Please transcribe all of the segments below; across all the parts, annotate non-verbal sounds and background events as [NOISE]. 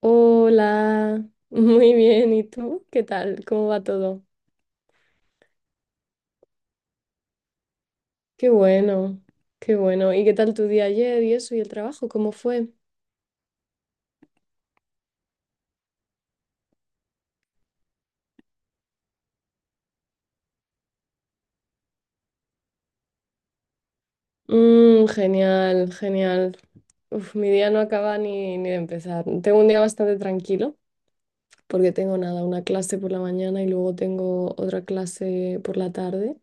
Hola, [LAUGHS] muy bien. ¿Y tú? ¿Qué tal? ¿Cómo va todo? Qué bueno, qué bueno. ¿Y qué tal tu día ayer y eso y el trabajo? ¿Cómo fue? Genial, genial. Uf, mi día no acaba ni de empezar. Tengo un día bastante tranquilo porque tengo nada, una clase por la mañana y luego tengo otra clase por la tarde.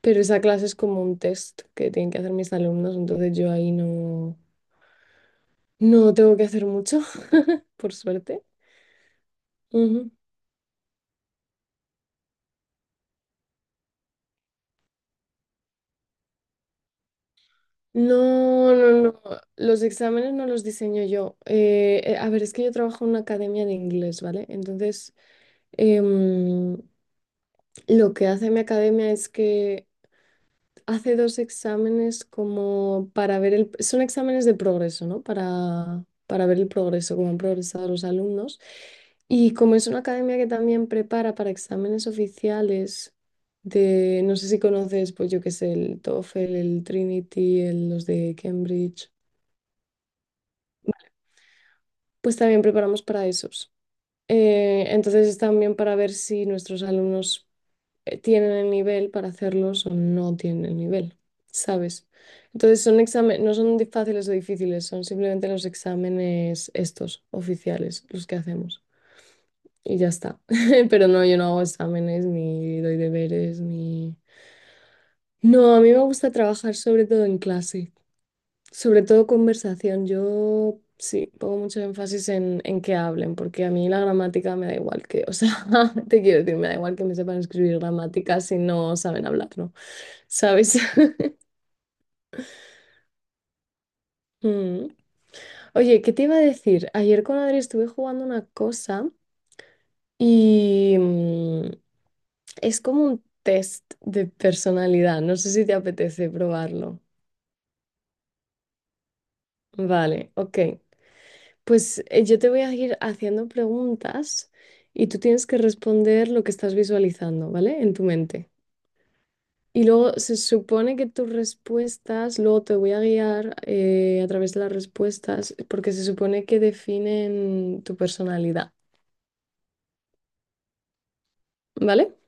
Pero esa clase es como un test que tienen que hacer mis alumnos, entonces yo ahí no, no tengo que hacer mucho, [LAUGHS] por suerte. No, no, no. Los exámenes no los diseño yo. A ver, es que yo trabajo en una academia de inglés, ¿vale? Entonces, em, lo que hace mi academia es que hace dos exámenes como para ver el... Son exámenes de progreso, ¿no? Para ver el progreso, cómo han progresado los alumnos. Y como es una academia que también prepara para exámenes oficiales de, no sé si conoces, pues yo qué sé, el TOEFL, el Trinity, los de Cambridge. Pues también preparamos para esos. Entonces es también para ver si nuestros alumnos tienen el nivel para hacerlos o no tienen el nivel, ¿sabes? Entonces son exámenes, no son fáciles o difíciles, son simplemente los exámenes estos, oficiales, los que hacemos. Y ya está. [LAUGHS] Pero no, yo no hago exámenes, ni doy deberes, ni... No, a mí me gusta trabajar sobre todo en clase. Sobre todo conversación, yo sí, pongo mucho énfasis en que hablen, porque a mí la gramática me da igual que, o sea, [LAUGHS] te quiero decir, me da igual que me sepan escribir gramática si no saben hablar, ¿no? ¿Sabes? [LAUGHS] Mm. Oye, ¿qué te iba a decir? Ayer con Adri estuve jugando una cosa y es como un test de personalidad, no sé si te apetece probarlo. Vale, ok. Pues yo te voy a ir haciendo preguntas y tú tienes que responder lo que estás visualizando, ¿vale? En tu mente. Y luego se supone que tus respuestas, luego te voy a guiar a través de las respuestas, porque se supone que definen tu personalidad, ¿vale?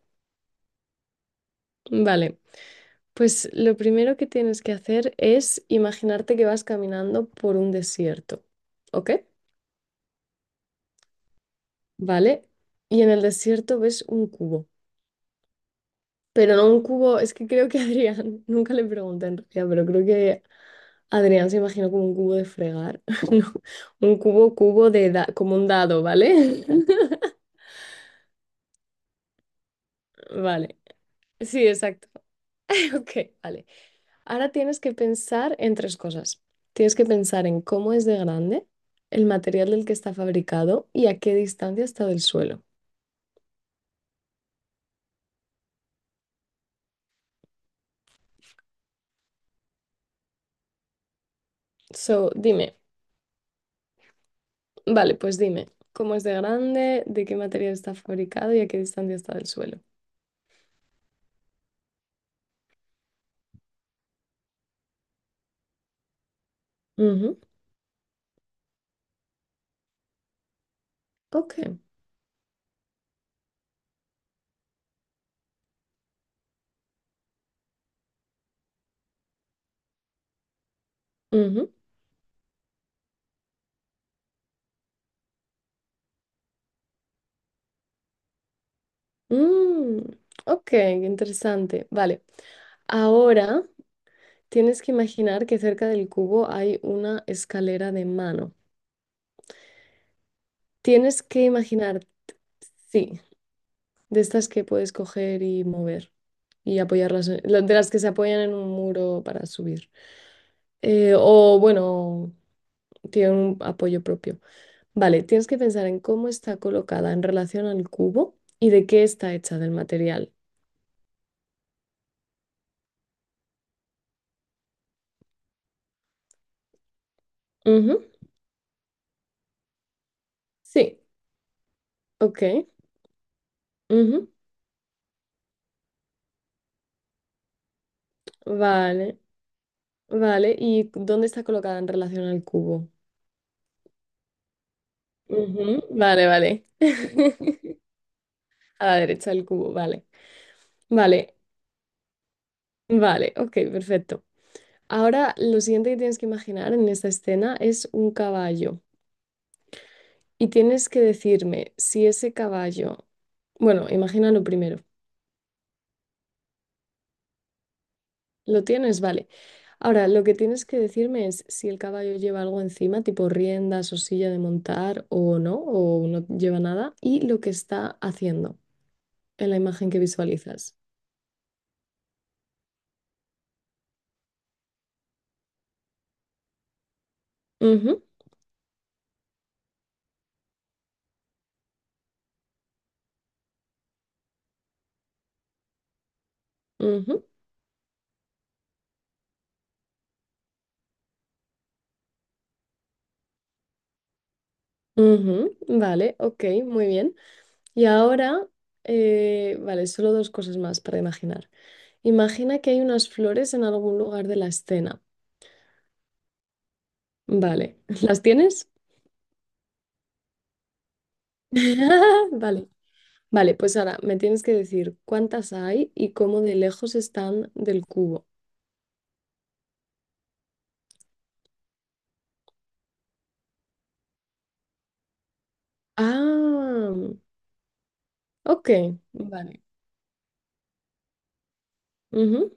Vale. Pues lo primero que tienes que hacer es imaginarte que vas caminando por un desierto, ¿ok? ¿Vale? Y en el desierto ves un cubo. Pero no un cubo, es que creo que Adrián, [LAUGHS] nunca le pregunté en realidad, pero creo que Adrián se imaginó como un cubo de fregar, [LAUGHS] no, un cubo, cubo de, como un dado, ¿vale? [LAUGHS] Vale, sí, exacto. [LAUGHS] Ok, vale. Ahora tienes que pensar en tres cosas. Tienes que pensar en cómo es de grande, el material del que está fabricado y a qué distancia está del suelo. So, dime, vale, pues dime, ¿cómo es de grande, de qué material está fabricado y a qué distancia está del suelo? Ok. Ujú. Mm, ok, interesante. Vale. Ahora tienes que imaginar que cerca del cubo hay una escalera de mano. Tienes que imaginar, sí, de estas que puedes coger y mover y apoyarlas, de las que se apoyan en un muro para subir. O bueno, tiene un apoyo propio. Vale, tienes que pensar en cómo está colocada en relación al cubo y de qué está hecha del material. Ujú, sí, ok. Ujú, vale, vale. ¿Y dónde está colocada en relación al cubo? Ujú, vale, vale. [LAUGHS] A la derecha del cubo, vale. Vale, vale, ok, perfecto. Ahora lo siguiente que tienes que imaginar en esta escena es un caballo. Y tienes que decirme si ese caballo, bueno, imagínalo primero. ¿Lo tienes? Vale. Ahora, lo que tienes que decirme es si el caballo lleva algo encima, tipo riendas o silla de montar o no lleva nada, y lo que está haciendo en la imagen que visualizas. Ujú, ujú, ujú. Vale, ok, muy bien. Y ahora, vale, solo dos cosas más para imaginar. Imagina que hay unas flores en algún lugar de la escena. Vale, [LAUGHS] ¿las tienes? [LAUGHS] Vale. Vale, pues ahora me tienes que decir cuántas hay y cómo de lejos están del cubo. Ah, ok, vale. Ujú,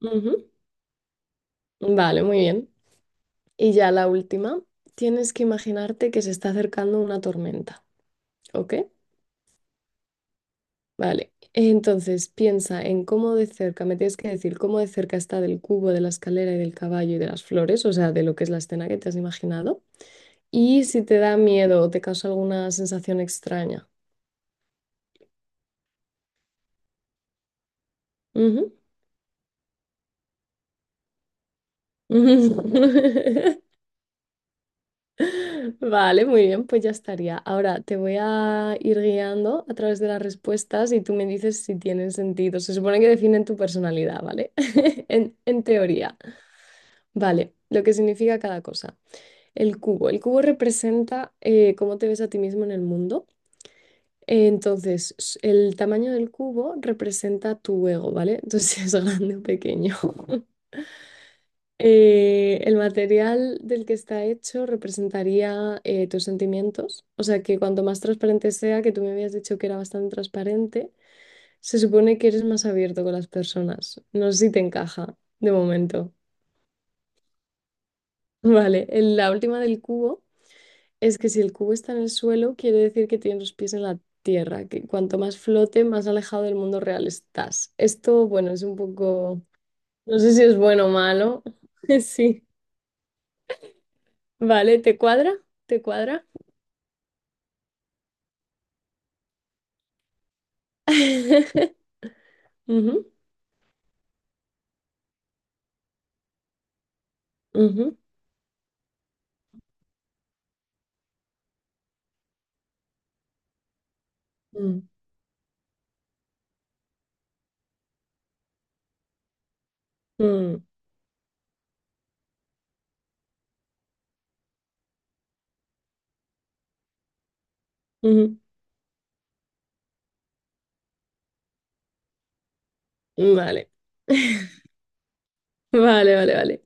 ujú. Vale, muy bien. Y ya la última, tienes que imaginarte que se está acercando una tormenta, ¿ok? Vale. Entonces piensa en cómo de cerca, me tienes que decir cómo de cerca está del cubo, de la escalera y del caballo y de las flores, o sea, de lo que es la escena que te has imaginado. Y si te da miedo o te causa alguna sensación extraña. Ujú. [LAUGHS] Vale, muy bien, pues ya estaría. Ahora te voy a ir guiando a través de las respuestas y tú me dices si tienen sentido. Se supone que definen tu personalidad, ¿vale? [LAUGHS] En teoría. Vale, lo que significa cada cosa. El cubo. El cubo representa cómo te ves a ti mismo en el mundo. Entonces, el tamaño del cubo representa tu ego, ¿vale? Entonces, [LAUGHS] si es grande o pequeño. El material del que está hecho representaría tus sentimientos, o sea que cuanto más transparente sea, que tú me habías dicho que era bastante transparente, se supone que eres más abierto con las personas. No sé si te encaja de momento. [LAUGHS] Vale, la última del cubo es que si el cubo está en el suelo, quiere decir que tienes los pies en la tierra, que cuanto más flote, más alejado del mundo real estás. Esto, bueno, es un poco, no sé si es bueno o malo. [LAUGHS] Sí, vale, ¿te cuadra? ¿Te cuadra? [LAUGHS] Ujú, ujú, mm, mm, ujú. Vale. [LAUGHS] Vale, vale, vale.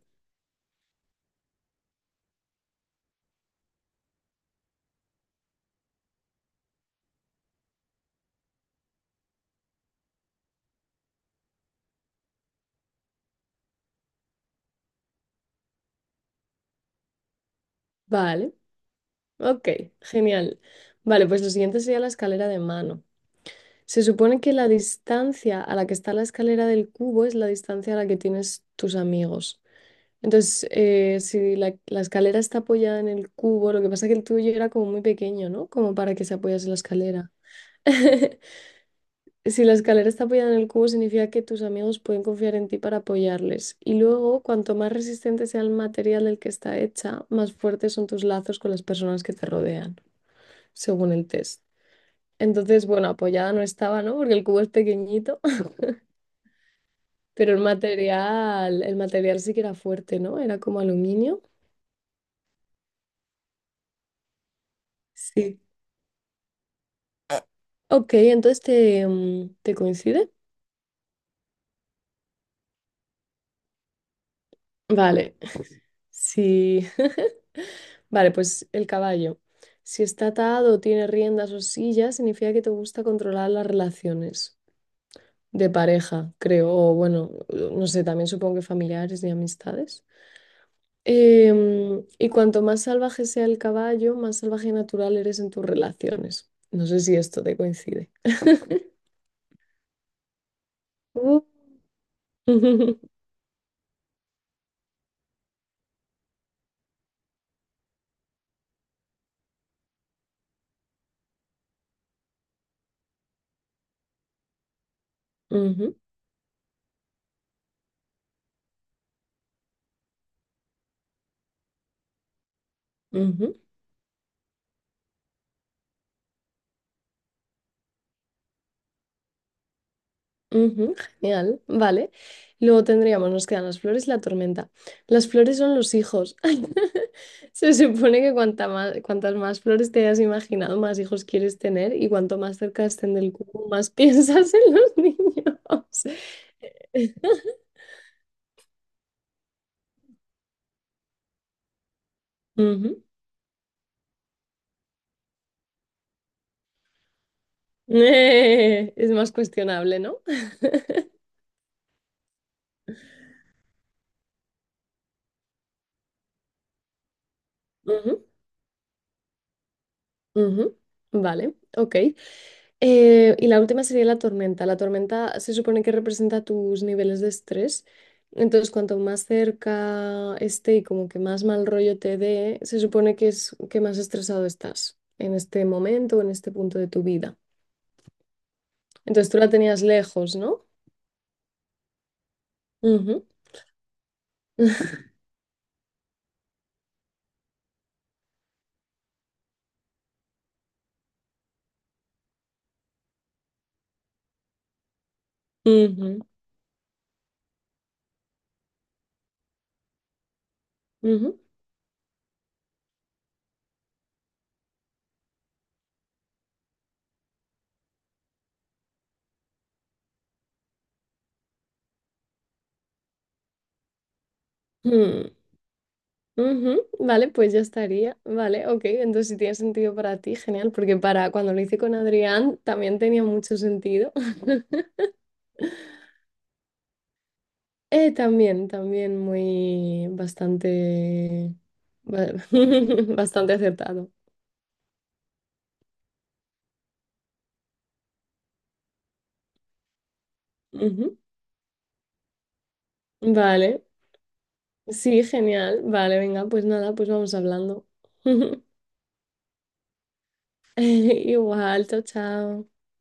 Vale. Ok, genial. Vale, pues lo siguiente sería la escalera de mano. Se supone que la distancia a la que está la escalera del cubo es la distancia a la que tienes tus amigos. Entonces, si la escalera está apoyada en el cubo, lo que pasa es que el tuyo era como muy pequeño, ¿no? Como para que se apoyase la escalera. [LAUGHS] Si la escalera está apoyada en el cubo, significa que tus amigos pueden confiar en ti para apoyarles. Y luego, cuanto más resistente sea el material del que está hecha, más fuertes son tus lazos con las personas que te rodean, según el test. Entonces, bueno, apoyada no estaba, ¿no? Porque el cubo es pequeñito, [LAUGHS] pero el material sí que era fuerte, ¿no? Era como aluminio. Sí. Ok, entonces te, te coincide. Vale. Sí. [LAUGHS] Vale, pues el caballo. Si está atado o tiene riendas o sillas, significa que te gusta controlar las relaciones de pareja, creo, o bueno, no sé, también supongo que familiares y amistades. Y cuanto más salvaje sea el caballo, más salvaje y natural eres en tus relaciones. No sé si esto te coincide. Uh. [LAUGHS] Ujú, ujú. Ujú, genial, vale. Luego tendríamos, nos quedan las flores y la tormenta. Las flores son los hijos. [LAUGHS] Se supone que cuanta más, cuantas más flores te hayas imaginado, más hijos quieres tener y cuanto más cerca estén del cubo, más [LAUGHS] piensas en los niños. Ujú. [LAUGHS] Es más cuestionable, ¿no? Ujú, ujú. Vale, ok. Y la última sería la tormenta. La tormenta se supone que representa tus niveles de estrés. Entonces, cuanto más cerca esté y como que más mal rollo te dé, se supone que es que más estresado estás en este momento o en este punto de tu vida. Entonces, tú la tenías lejos, ¿no? Ujú, ujú, ujú, mm, ujú. Vale, pues ya estaría. Vale, ok. Entonces, si tiene sentido para ti, genial, porque para cuando lo hice con Adrián también tenía mucho sentido. [LAUGHS] También, también muy bastante, ba- [LAUGHS] bastante acertado. Ujú. Vale, sí, genial. Vale, venga, pues nada, pues vamos hablando. [LAUGHS] Igual, chao, chao.